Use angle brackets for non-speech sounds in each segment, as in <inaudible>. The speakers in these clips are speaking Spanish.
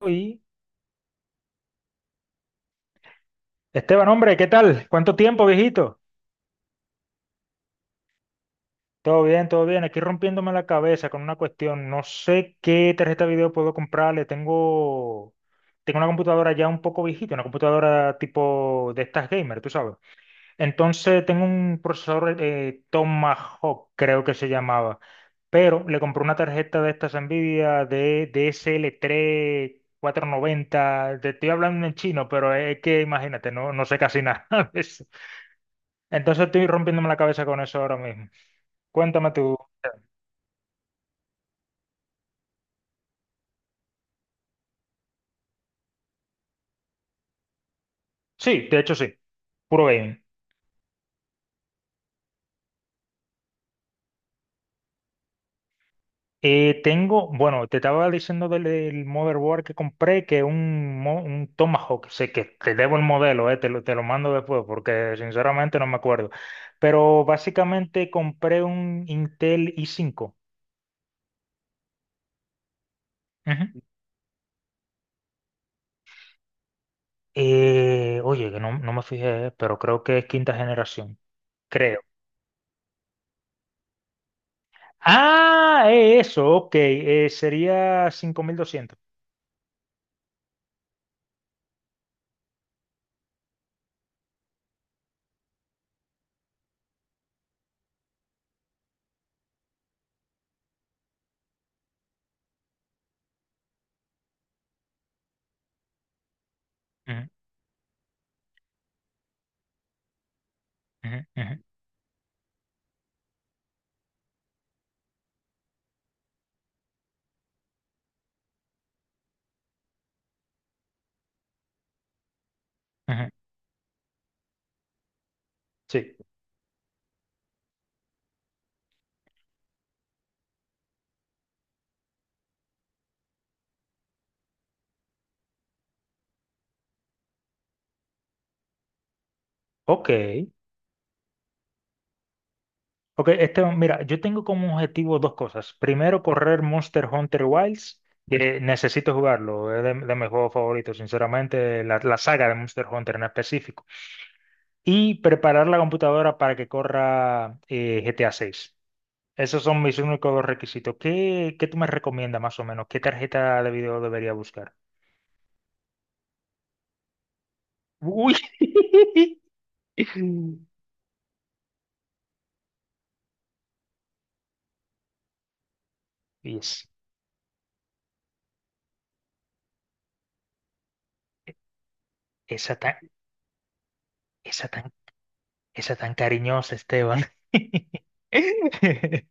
Uy. Esteban, hombre, ¿qué tal? ¿Cuánto tiempo, viejito? Todo bien, todo bien. Aquí rompiéndome la cabeza con una cuestión. No sé qué tarjeta de video puedo comprarle. Tengo una computadora ya un poco viejita, una computadora tipo de estas gamer, tú sabes. Entonces tengo un procesador Tomahawk, creo que se llamaba. Pero le compré una tarjeta de estas Nvidia de DSL3 490. Te estoy hablando en chino, pero es que imagínate, no, no sé casi nada. <laughs> Entonces estoy rompiéndome la cabeza con eso ahora mismo. Cuéntame tú. Sí, de hecho sí, puro gaming. Bueno, te estaba diciendo del motherboard que compré, que es un Tomahawk. Sé que te debo el modelo, te lo mando después porque sinceramente no me acuerdo. Pero básicamente compré un Intel i5. Ujú. Oye, que no, no me fijé, pero creo que es quinta generación, creo. Ah, es eso, ok, sería 5200. Ujú, ujú, ujú. Sí, ok. Ok, este, mira, yo tengo como objetivo dos cosas. Primero, correr Monster Hunter Wilds, que necesito jugarlo, es de mis juegos favoritos, sinceramente, la saga de Monster Hunter en específico. Y preparar la computadora para que corra GTA 6. Esos son mis únicos dos requisitos. ¿Qué tú me recomiendas más o menos? ¿Qué tarjeta de video debería buscar? Uy. <laughs> Yes. Esa tan, esa tan Esa tan cariñosa, Esteban. <laughs>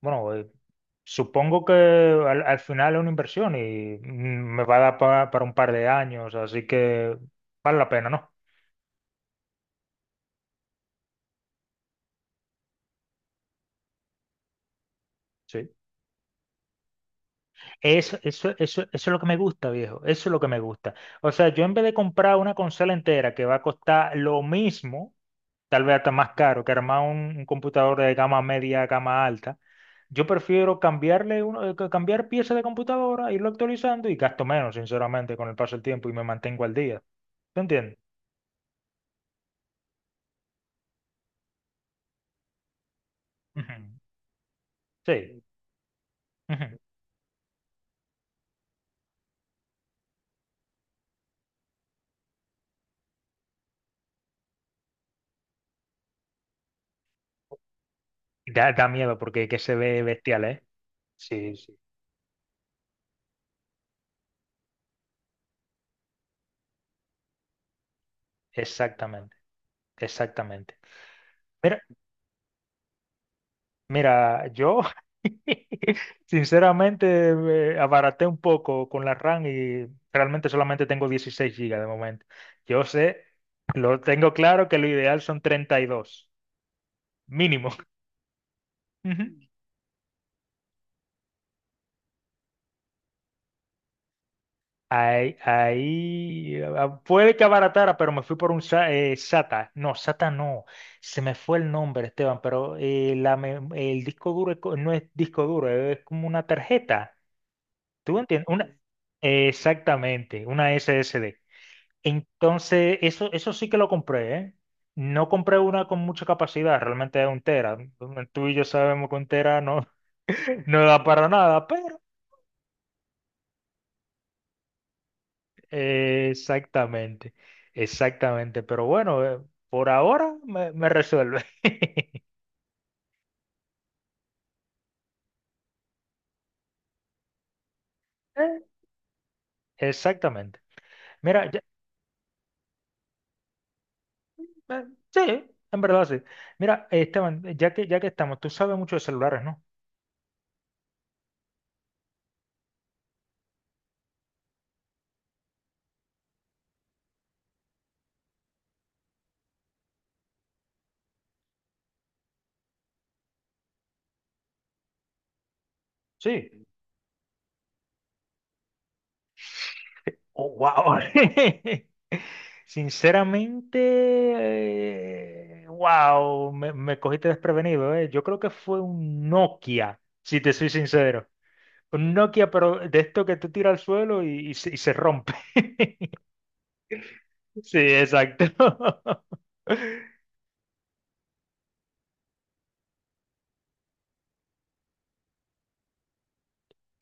Bueno, supongo que al final es una inversión y me va a dar para un par de años, así que vale la pena, ¿no? Sí. Eso es lo que me gusta, viejo. Eso es lo que me gusta. O sea, yo en vez de comprar una consola entera que va a costar lo mismo, tal vez hasta más caro que armar un computador de gama media a gama alta. Yo prefiero cambiarle uno, cambiar piezas de computadora, irlo actualizando y gasto menos, sinceramente, con el paso del tiempo y me mantengo al día. ¿Tú entiendes? Ujú. Sí. Ujú. Da miedo porque que se ve bestial, ¿eh? Sí, sí. Exactamente, exactamente. Mira, yo <laughs> sinceramente me abaraté un poco con la RAM y realmente solamente tengo 16 gigas de momento. Yo sé, lo tengo claro que lo ideal son 32, mínimo. <laughs> Ujú. Ahí, puede que abaratara, pero me fui por un SATA. No, SATA no. Se me fue el nombre, Esteban, pero el disco duro no es disco duro, es como una tarjeta. ¿Tú entiendes? Exactamente, una SSD. Entonces, eso sí que lo compré, ¿eh? No compré una con mucha capacidad, realmente es un tera. Tú y yo sabemos que un tera no, <laughs> no da para nada, pero exactamente, exactamente. Pero bueno, por ahora me resuelve. <laughs> Eh, Exactamente. Mira, eh, sí, en verdad sí. Mira, Esteban, ya que estamos, tú sabes mucho de celulares, ¿no? Sí. Oh, wow. <laughs> Sinceramente, wow, me cogiste desprevenido, eh. Yo creo que fue un Nokia, si te soy sincero. Un Nokia, pero de esto que tú tiras al suelo y se rompe. <laughs> Sí, exacto. <laughs>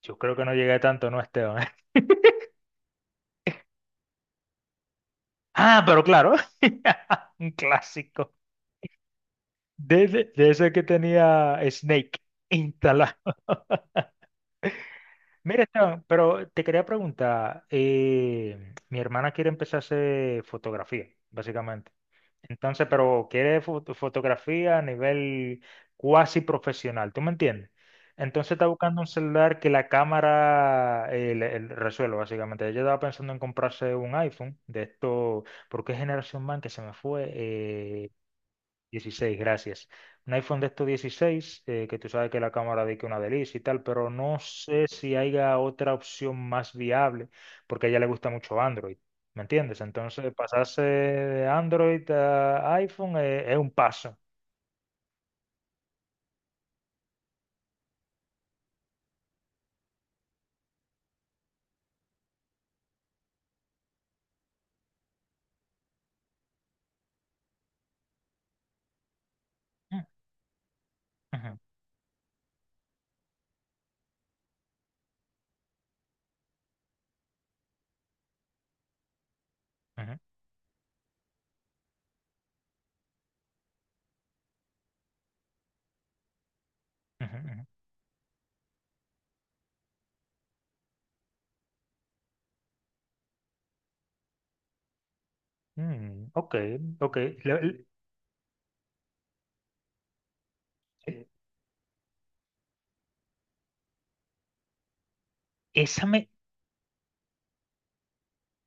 Yo creo que no llegué a tanto, ¿no, Esteban? <laughs> Ah, pero claro, <laughs> un clásico. De ese que tenía Snake instalado. Mira, Esteban, pero te quería preguntar, mi hermana quiere empezar a hacer fotografía, básicamente. Entonces, pero quiere fotografía a nivel cuasi profesional, ¿tú me entiendes? Entonces está buscando un celular que la cámara le resuelva, básicamente. Ella estaba pensando en comprarse un iPhone de esto, porque ¿qué generación, man, que se me fue? 16, gracias. Un iPhone de estos 16, que tú sabes que la cámara de que una delicia y tal, pero no sé si haya otra opción más viable, porque a ella le gusta mucho Android, ¿me entiendes? Entonces, pasarse de Android a iPhone es un paso. Mm, ujú, ujú, ujú, ujú. Mm, ok, ok. Le- le- eh, esa me,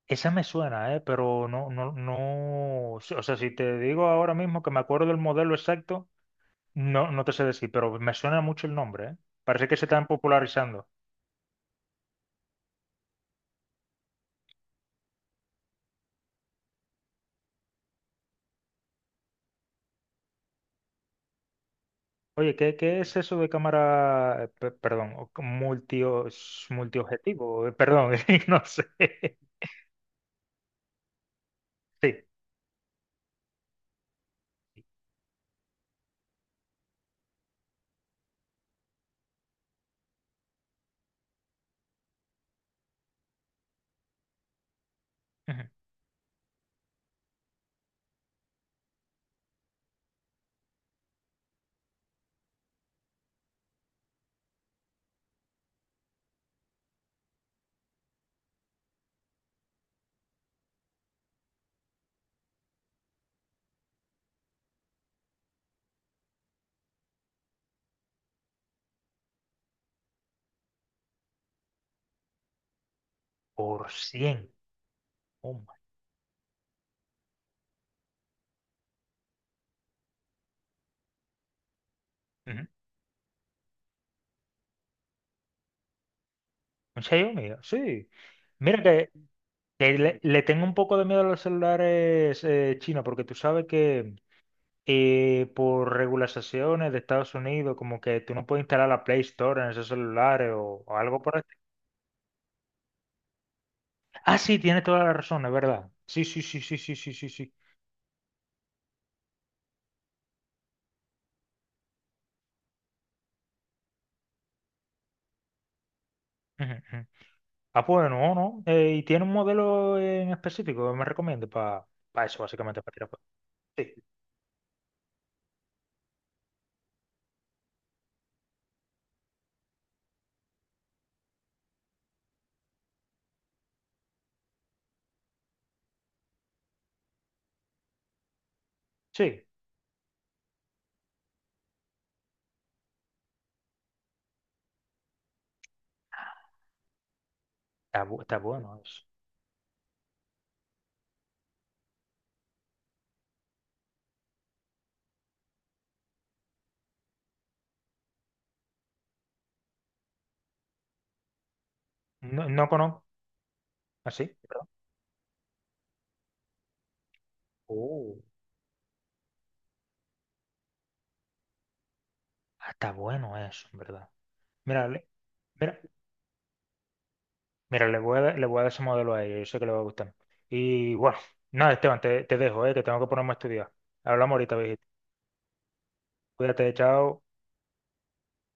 esa me suena, pero no, no, no. O sea, si te digo ahora mismo que me acuerdo del modelo exacto. No, no te sé decir, pero me suena mucho el nombre, ¿eh? Parece que se están popularizando. Oye, ¿qué es eso de cámara, perdón, multiobjetivo? Perdón, <laughs> no sé. Sí. Ujú. Por cien. Oh my. Ujú. ¿Un Xiaomi? Sí. Mira que le tengo un poco de miedo a los celulares chinos, porque tú sabes que por regulaciones de Estados Unidos, como que tú no puedes instalar la Play Store en esos celulares o algo por. Ah, sí, tiene toda la razón, es verdad. Sí, sí, sí, sí, sí, sí, sí, sí. Ujú, ujú. Ah, pues no, no. ¿Y tiene un modelo en específico que me recomiende para eso, básicamente, para tirar fuego? Sí, sí. Está bueno eso. No, no conozco. ¿Así? Oh, ah, está bueno eso, en verdad. Mira, le- mira, mira, le voy a dar ese modelo a ella, yo sé que le va a gustar. Y bueno, nada, Esteban, te dejo, que tengo que ponerme a estudiar. Hablamos ahorita, viejito. Cuídate, chao.